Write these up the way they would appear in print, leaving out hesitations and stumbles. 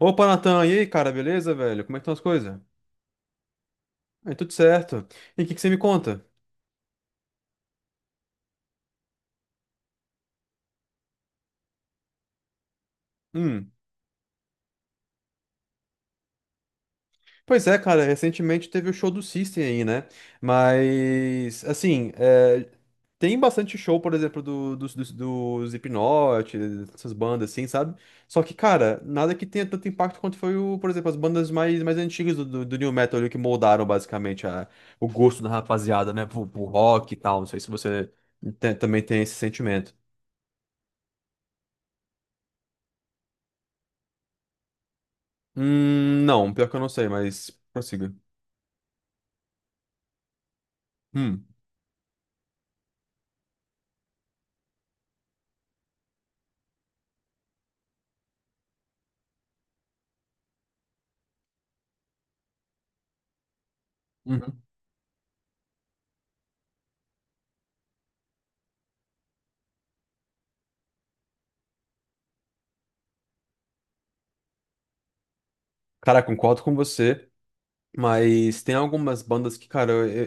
Opa, Natan, e aí, cara, beleza, velho? Como é que estão as coisas? Aí, tudo certo. E o que que você me conta? Hum. Pois é, cara, recentemente teve o show do System aí, né? Mas, assim, tem bastante show, por exemplo, dos Slipknot, essas bandas assim, sabe? Só que, cara, nada que tenha tanto impacto quanto foi, o, por exemplo, as bandas mais antigas do New Metal ali, que moldaram basicamente a, o gosto da rapaziada, né? Pro rock e tal. Não sei se você também tem esse sentimento. Não, pior que eu não sei, mas prossiga. Hum. Uhum. Cara, concordo com você. Mas tem algumas bandas que, cara,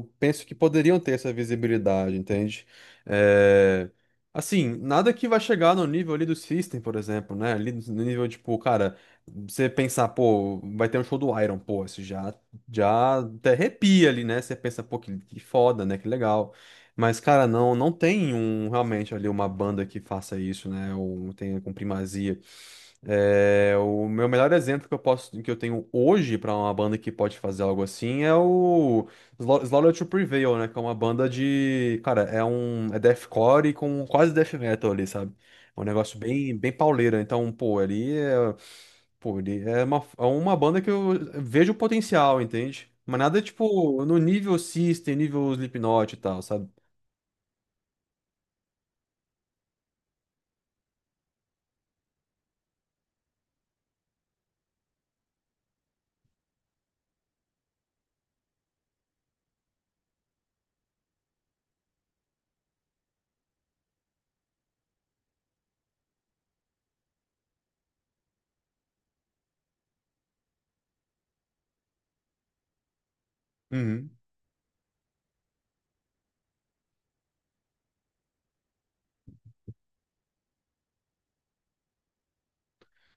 eu penso que poderiam ter essa visibilidade, entende? É, Assim, nada que vai chegar no nível ali do System, por exemplo, né? Ali no nível, tipo, cara, você pensar, pô, vai ter um show do Iron, pô, já até arrepia ali, né? Você pensa, pô, que foda, né? Que legal. Mas, cara, não tem um, realmente ali uma banda que faça isso, né? Ou tenha com primazia. É, o meu melhor exemplo que eu posso, que eu tenho hoje pra uma banda que pode fazer algo assim é o Slaughter to Prevail, né? Que é uma banda de, cara, é deathcore com quase death metal ali, sabe? É um negócio bem pauleira. Então, pô, pô, ali é uma banda que eu vejo o potencial, entende? Mas nada tipo no nível System, nível Slipknot e tal, sabe? Uhum.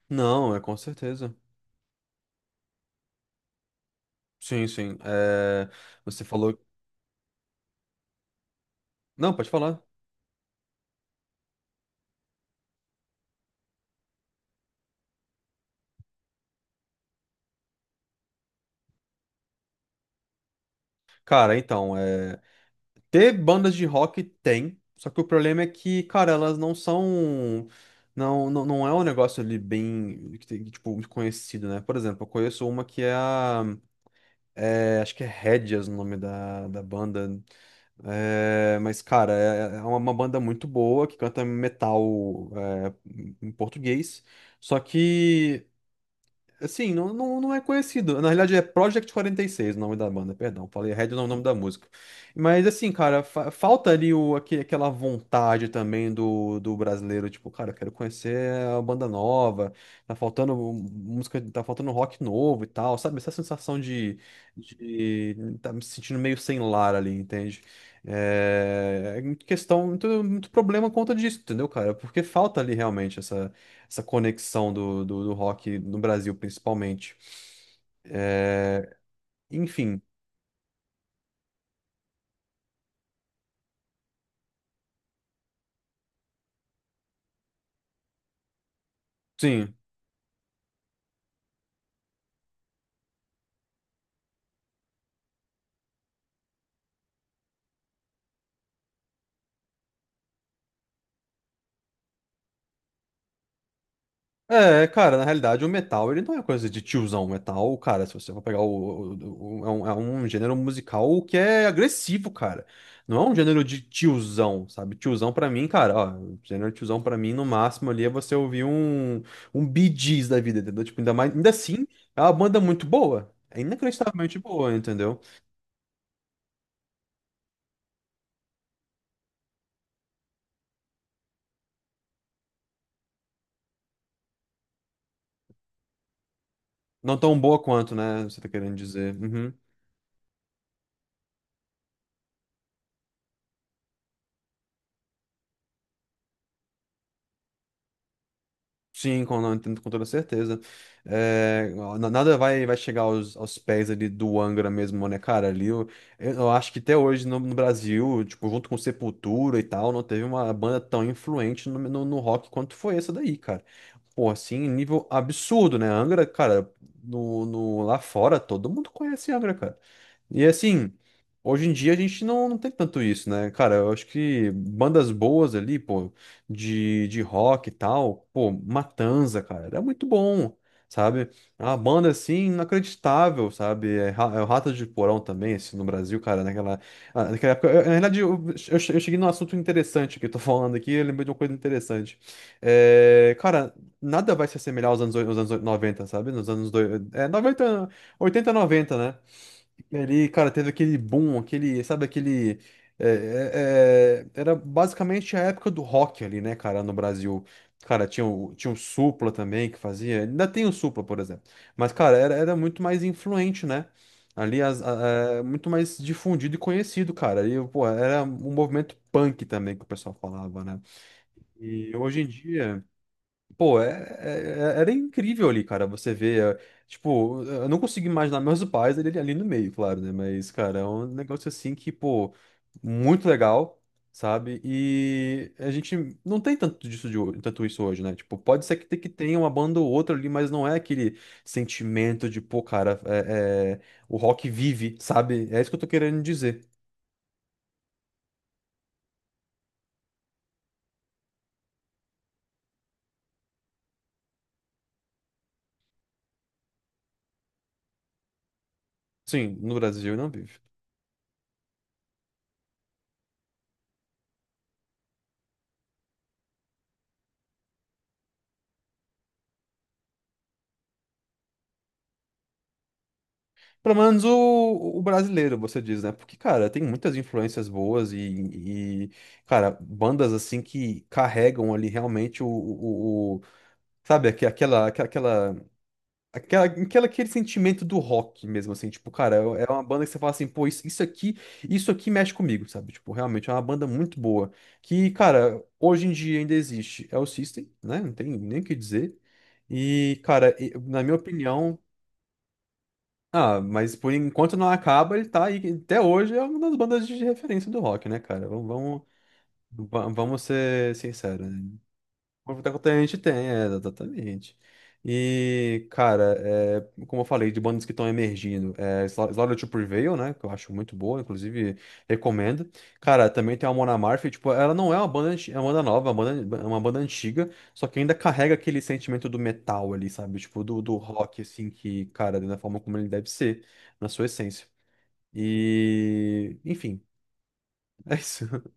Não, é com certeza. Sim, sim. É, você falou. Não, pode falar. Cara, então, é... ter bandas de rock tem, só que o problema é que, cara, elas não são. Não é um negócio ali bem, que tipo, muito conhecido, né? Por exemplo, eu conheço uma que é a. É, acho que é Hedges o nome da banda. É, mas, cara, é uma banda muito boa que canta metal em português. Só que. Assim, não é conhecido. Na realidade, é Project 46 o nome da banda, perdão. Falei Red não é o nome da música. Mas assim, cara, falta ali o, aquela vontade também do brasileiro. Tipo, cara, eu quero conhecer a banda nova. Tá faltando música, tá faltando rock novo e tal, sabe? Essa sensação de tá me sentindo meio sem lar ali, entende? É, é muito questão, muito problema conta disso, entendeu, cara? Porque falta ali realmente essa conexão do rock no Brasil, principalmente. É, enfim, sim. É, cara, na realidade o metal, ele não é coisa de tiozão. O metal, cara, se você for pegar o, é um gênero musical que é agressivo, cara. Não é um gênero de tiozão, sabe? Tiozão pra mim, cara, ó, gênero de tiozão pra mim, no máximo ali é você ouvir um, um Bee Gees da vida, entendeu? Tipo, ainda mais, ainda assim, é uma banda muito boa. É inacreditavelmente boa, entendeu? Não tão boa quanto, né? Você tá querendo dizer. Uhum. Sim, com, não, entendo com toda certeza. É, nada vai, vai chegar aos, aos pés ali do Angra mesmo, né, cara? Ali, eu acho que até hoje no, no Brasil, tipo, junto com Sepultura e tal, não teve uma banda tão influente no rock quanto foi essa daí, cara. Pô, assim, nível absurdo, né? Angra, cara, no, no, lá fora, todo mundo conhece Angra, cara. E assim, hoje em dia a gente não tem tanto isso, né? Cara, eu acho que bandas boas ali, pô. De rock e tal, pô, Matanza, cara, era muito bom, sabe? É uma banda assim inacreditável, sabe? É, é o Ratos de Porão também, assim, no Brasil, cara, naquela, ah, naquela época. Na verdade, eu cheguei num assunto interessante que eu tô falando aqui, eu lembrei de uma coisa interessante. É, cara, nada vai se assemelhar aos anos, aos anos 90 sabe? É, 90 80 90 né? Ele, cara, teve aquele boom, aquele, sabe, aquele. é, é, era basicamente a época do rock ali, né, cara, no Brasil. Cara, tinha o Supla também que fazia. Ainda tem o Supla, por exemplo. Mas, cara, era muito mais influente, né? Ali, muito mais difundido e conhecido, cara. E, pô, era um movimento punk também que o pessoal falava, né? E hoje em dia. Pô, era incrível ali, cara. Você vê, é, tipo, eu não consigo imaginar meus pais ali, ali no meio, claro, né? Mas, cara, é um negócio assim que, pô, muito legal, sabe? E a gente não tem tanto disso de, tanto isso hoje, né? Tipo, pode ser que, que tenha uma banda ou outra ali, mas não é aquele sentimento de, pô, cara, é, o rock vive, sabe? É isso que eu tô querendo dizer. Sim, no Brasil não vive. Pelo menos o brasileiro, você diz, né? Porque, cara, tem muitas influências boas e, cara, bandas assim que carregam ali realmente o, o- sabe, aquela- aquele sentimento do rock mesmo, assim, tipo, cara, é é uma banda que você fala assim, pô, isso aqui mexe comigo, sabe? Tipo, realmente é uma banda muito boa, que, cara, hoje em dia ainda existe. É o System, né? Não tem nem o que dizer. E, cara, na minha opinião, ah, mas por enquanto não acaba, ele tá aí. Até hoje é uma das bandas de referência do rock, né, cara? Vamos ser sinceros, né? Aproveitar que a gente tem, é, exatamente. E, cara, é, como eu falei, de bandas que estão emergindo, é Slaughter to Prevail, né? Que eu acho muito boa, inclusive recomendo. Cara, também tem a Mona Amalfi, tipo, ela não é uma banda, é uma banda nova, é uma banda antiga, só que ainda carrega aquele sentimento do metal ali, sabe? Tipo, do rock, assim, que, cara, da forma como ele deve ser, na sua essência. E, enfim, é isso.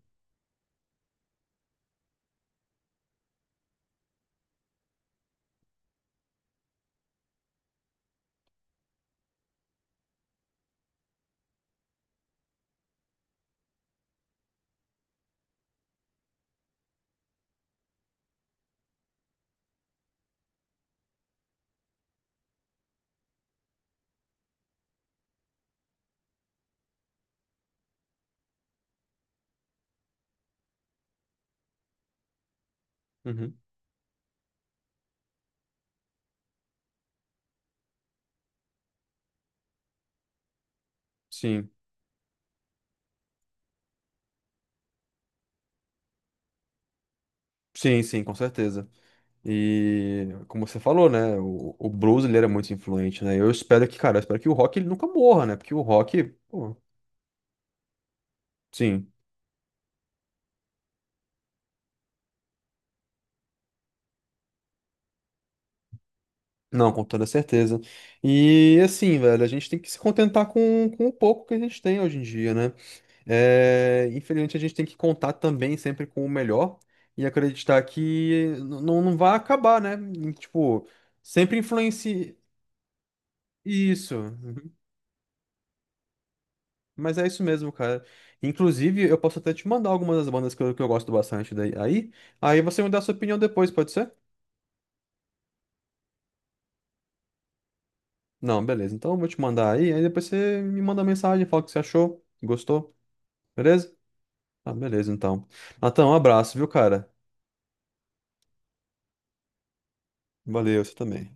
Uhum. Sim, sim, com certeza. E como você falou, né? O blues ele era muito influente, né? Eu espero que, cara, eu espero que o rock ele nunca morra, né? Porque o rock, pô, sim, não, com toda certeza. E assim, velho, a gente tem que se contentar com o pouco que a gente tem hoje em dia, né? É, infelizmente a gente tem que contar também sempre com o melhor e acreditar que não, não vai acabar, né? E, tipo, sempre influencia isso. Mas é isso mesmo, cara. Inclusive, eu posso até te mandar algumas das bandas que eu gosto bastante daí. Aí você me dá a sua opinião depois, pode ser? Não, beleza. Então eu vou te mandar aí, aí depois você me manda mensagem, fala o que você achou, gostou, beleza? Ah, beleza, então. Natan, um abraço, viu, cara? Valeu, você também.